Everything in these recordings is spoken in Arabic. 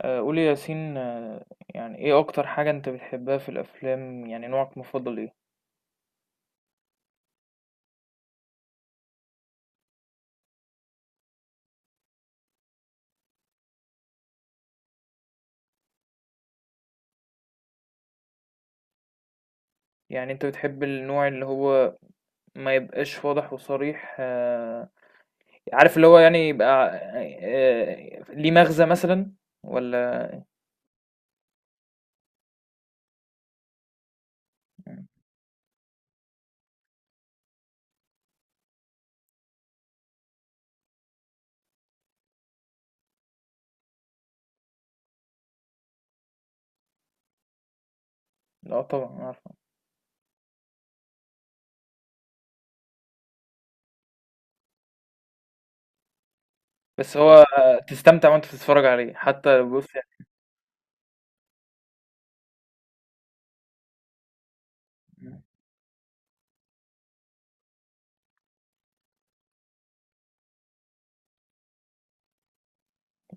قولي يا ياسين، يعني ايه اكتر حاجة انت بتحبها في الافلام؟ يعني نوعك المفضل ايه؟ يعني انت بتحب النوع اللي هو ما يبقاش واضح وصريح، عارف؟ اللي هو يعني يبقى ليه مغزى مثلا، ولا... لا طبعا عارفه. بس هو تستمتع وانت بتتفرج عليه حتى لو، بص يعني.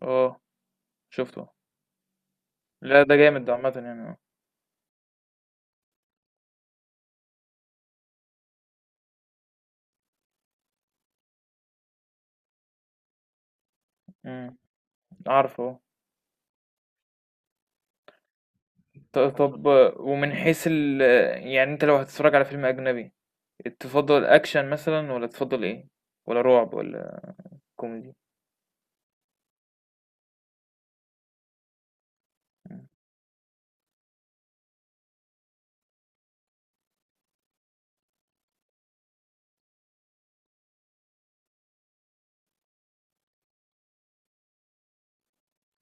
اه، شفته. لا، ده جامد، ده عامة يعني، اه. مم، عارفه. طب، ومن حيث ال... يعني انت لو هتتفرج على فيلم اجنبي، تفضل اكشن مثلا ولا تفضل ايه؟ ولا رعب ولا كوميدي؟ مم.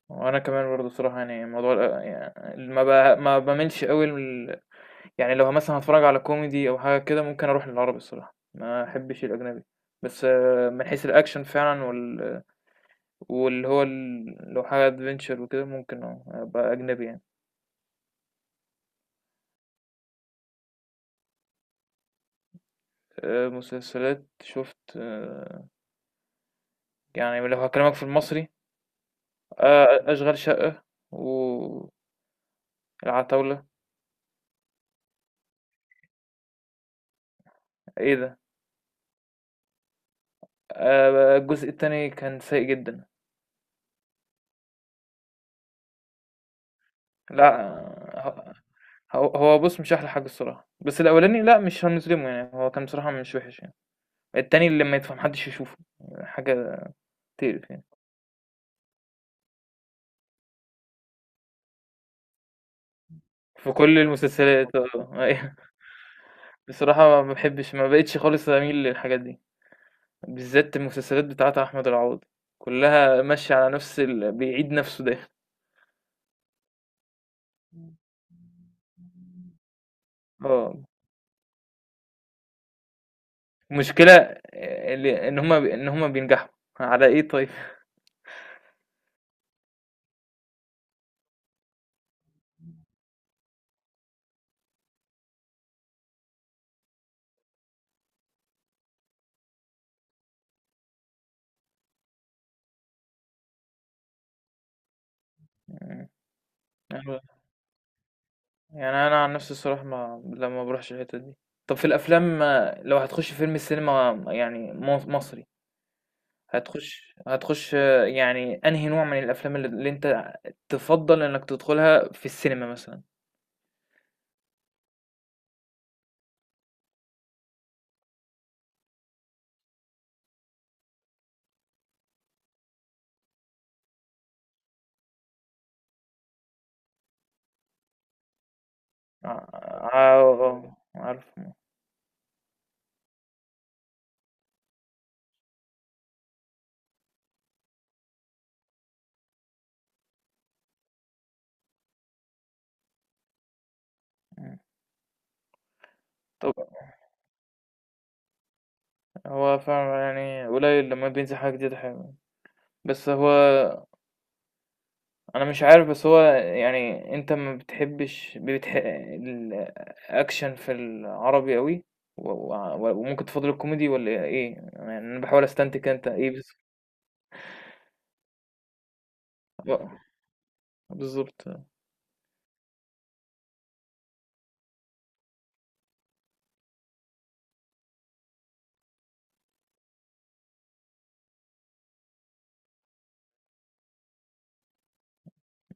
وانا كمان برضه بصراحه، يعني موضوع يعني ما بميلش قوي ال... يعني لو مثلا هتفرج على كوميدي او حاجه كده، ممكن اروح للعربي، الصراحه ما احبش الاجنبي. بس من حيث الاكشن فعلا وال... واللي هو ال... لو حاجه ادفنتشر وكده، ممكن ابقى اجنبي يعني. مسلسلات شفت، يعني لو هكلمك في المصري، أشغال شقة والعتاولة، إيه ده! الجزء التاني كان سيء جدًا. لأ. آه، ه هو هو بُص، مش أحلى حاجة الصراحة، بس الأولاني لأ، مش هنظلمه يعني، هو كان بصراحة مش وحش يعني، التاني اللي ما يدفع ما حدش يشوفه، حاجة تقرف يعني. في كل المسلسلات، أيوه. بصراحة ما باحبش، ما بقيتش خالص أميل للحاجات دي، بالذات المسلسلات بتاعة أحمد العوضي، كلها ماشية على نفس ال... بيعيد نفسه دايمًا. آه. المشكلة اللي إن هما بينجحوا على إيه طيب؟ مم. أنا- يعني أنا عن نفسي الصراحة ما بروحش الحتة دي. طب في الأفلام، لو هتخش فيلم السينما يعني مصري، هتخش يعني أنهي نوع من الأفلام اللي أنت تفضل إنك تدخلها في السينما مثلا؟ ع- عارف. مم. طب هو فعلا يعني قليل لما بينزل حاجة جديدة حلوة. بس هو، انا مش عارف، بس هو يعني انت ما بتحبش الاكشن في العربي قوي، وممكن تفضل الكوميدي ولا ايه؟ يعني انا بحاول استنتج انت ايه بس... و- بالظبط.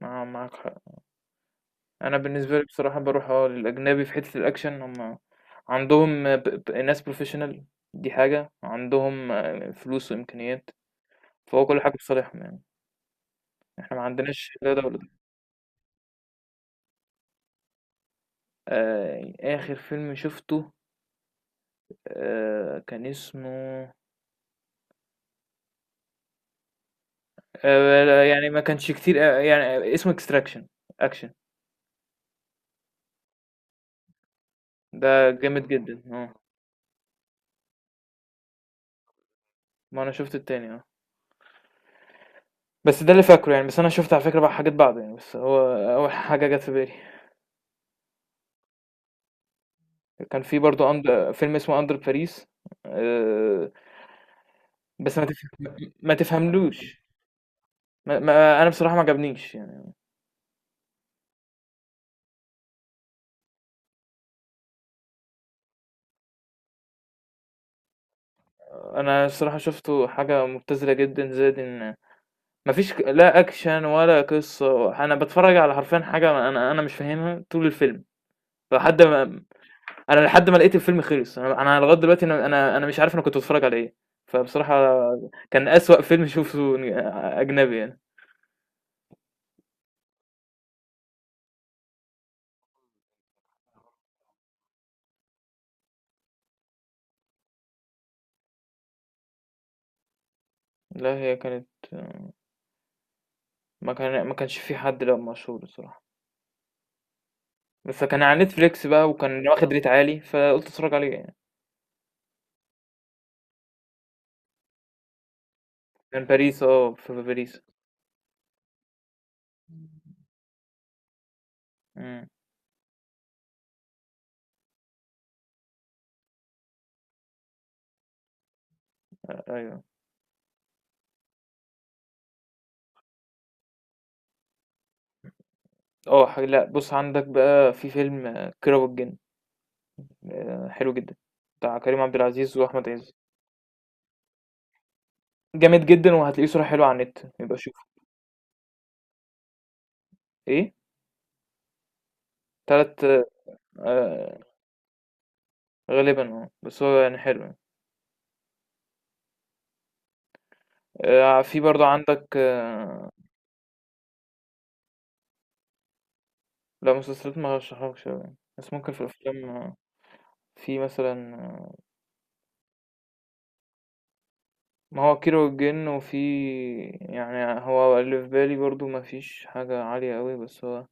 معاك حق. انا بالنسبه لي بصراحه بروح للاجنبي، في حته الاكشن هم عندهم ناس بروفيشنال، دي حاجه عندهم، فلوس وامكانيات، فهو كل حاجه في صالحهم يعني. احنا ما عندناش لا ده ولا ده. اخر فيلم شفته، كان اسمه... لا يعني ما كانش كتير، يعني اسمه Extraction. أكشن. ده جامد جدًا، ما أنا شُفت التاني، بس ده اللي فاكره يعني، بس أنا شُفت على فكرة بقى حاجات بعده يعني، بس هو أول حاجة جات في بالي. كان في برضه أند فيلم اسمه Under Paris. آآ بس ما تفهملوش، ما ما أنا بصراحة ما عجبنيش يعني. أنا الصراحة شُفته حاجة مبتذلة جدًا، زائد إن ما فيش، لا أكشن ولا قصة، أنا باتفرج على حرفيًا حاجة أنا مش فاهمها طول الفيلم، لحد ما لحد ما لقيت الفيلم خلص، أنا لغاية دلوقتي أنا مش عارف أنا كنت باتفرج على إيه، فبصراحة كان أسوأ فيلم شوفته، أجنبي يعني. لأ هي كانت، ما كانش في حد، لأ، مشهور الصراحة، بس كان على Netflix بقى وكان واخد ريت عالي، فقُلت أتفرج عليه يعني. كان باريس، في باريس. إمم. أيوه. آه ح لأ، بُص، عندك بقى في فيلم، كيرة والجن، حلو جدًا، بتاع كريم عبد العزيز وأحمد عز. جامد جدًا وهتلاقيه صورة حلوة على النت، يبقى شوفه. إيه؟ 3. آآ غالبًا، بس هو يعني حلو يعني. في برضه عندك، لأ، مسلسلات ما هارشحهالكش أوي يعني، بس ممكن في الأفلام، في مثلًا، ما هو كيرة والجن، وفي... يعني هو اللي في بالي برضه ما فيش حاجة عالية أوي، بس هو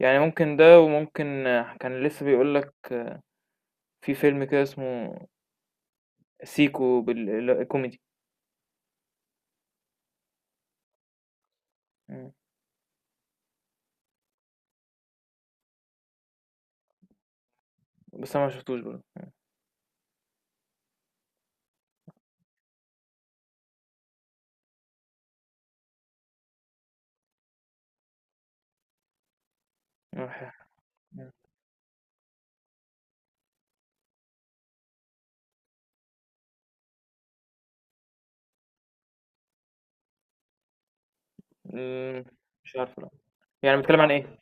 يعني ممكن ده وممكن، كان لسه بيقول لك، في فيلم كده اسمه سيكو، بال كوميدي. إمم. بس أنا ما شفتوش برضه. إمم. مش عارفه لأ. يعني بيتكلم عن إيه؟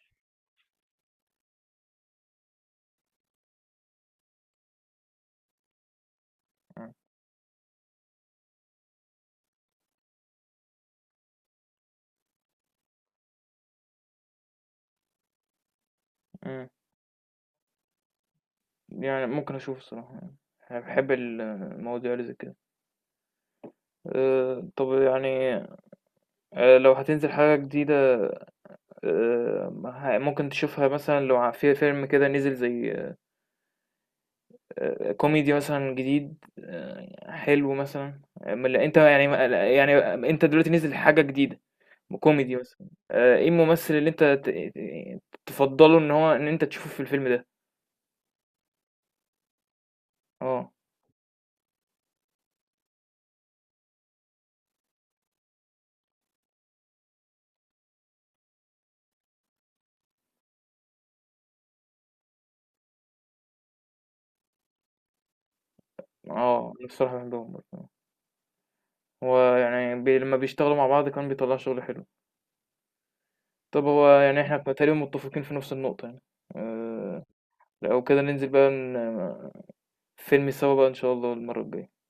إمم. إمم. يعني ممكن أشوف الصراحة يعني، أنا باحب المواضيع اللي زي كده. طب يعني، لو هتنزل حاجة جديدة، ه ممكن تشوفها مثلًا، لو في فيلم كده نزل زي، كوميدي مثلًا جديد، حلو مثلًا، من ال... أنت يعني ما يعني، أنت دلوقتي نزل حاجة جديدة كوميدي مثلًا، إيه الممثل اللي أنت ت ت تفضّله، إن أنت تشوفه في الفيلم ده؟ آه. أنا الصراحة باحبهم برضه، هو يعني لمّا بيشتغلوا مع بعض كمان بيطلّعوا شغل حلو. طب هو يعني إحنا كنا تقريبا متفقين في نفس النقطة يعني، آه، لو كده ننزل بقى، فيلم سوا بقى إن شاء الله المرة الجاية.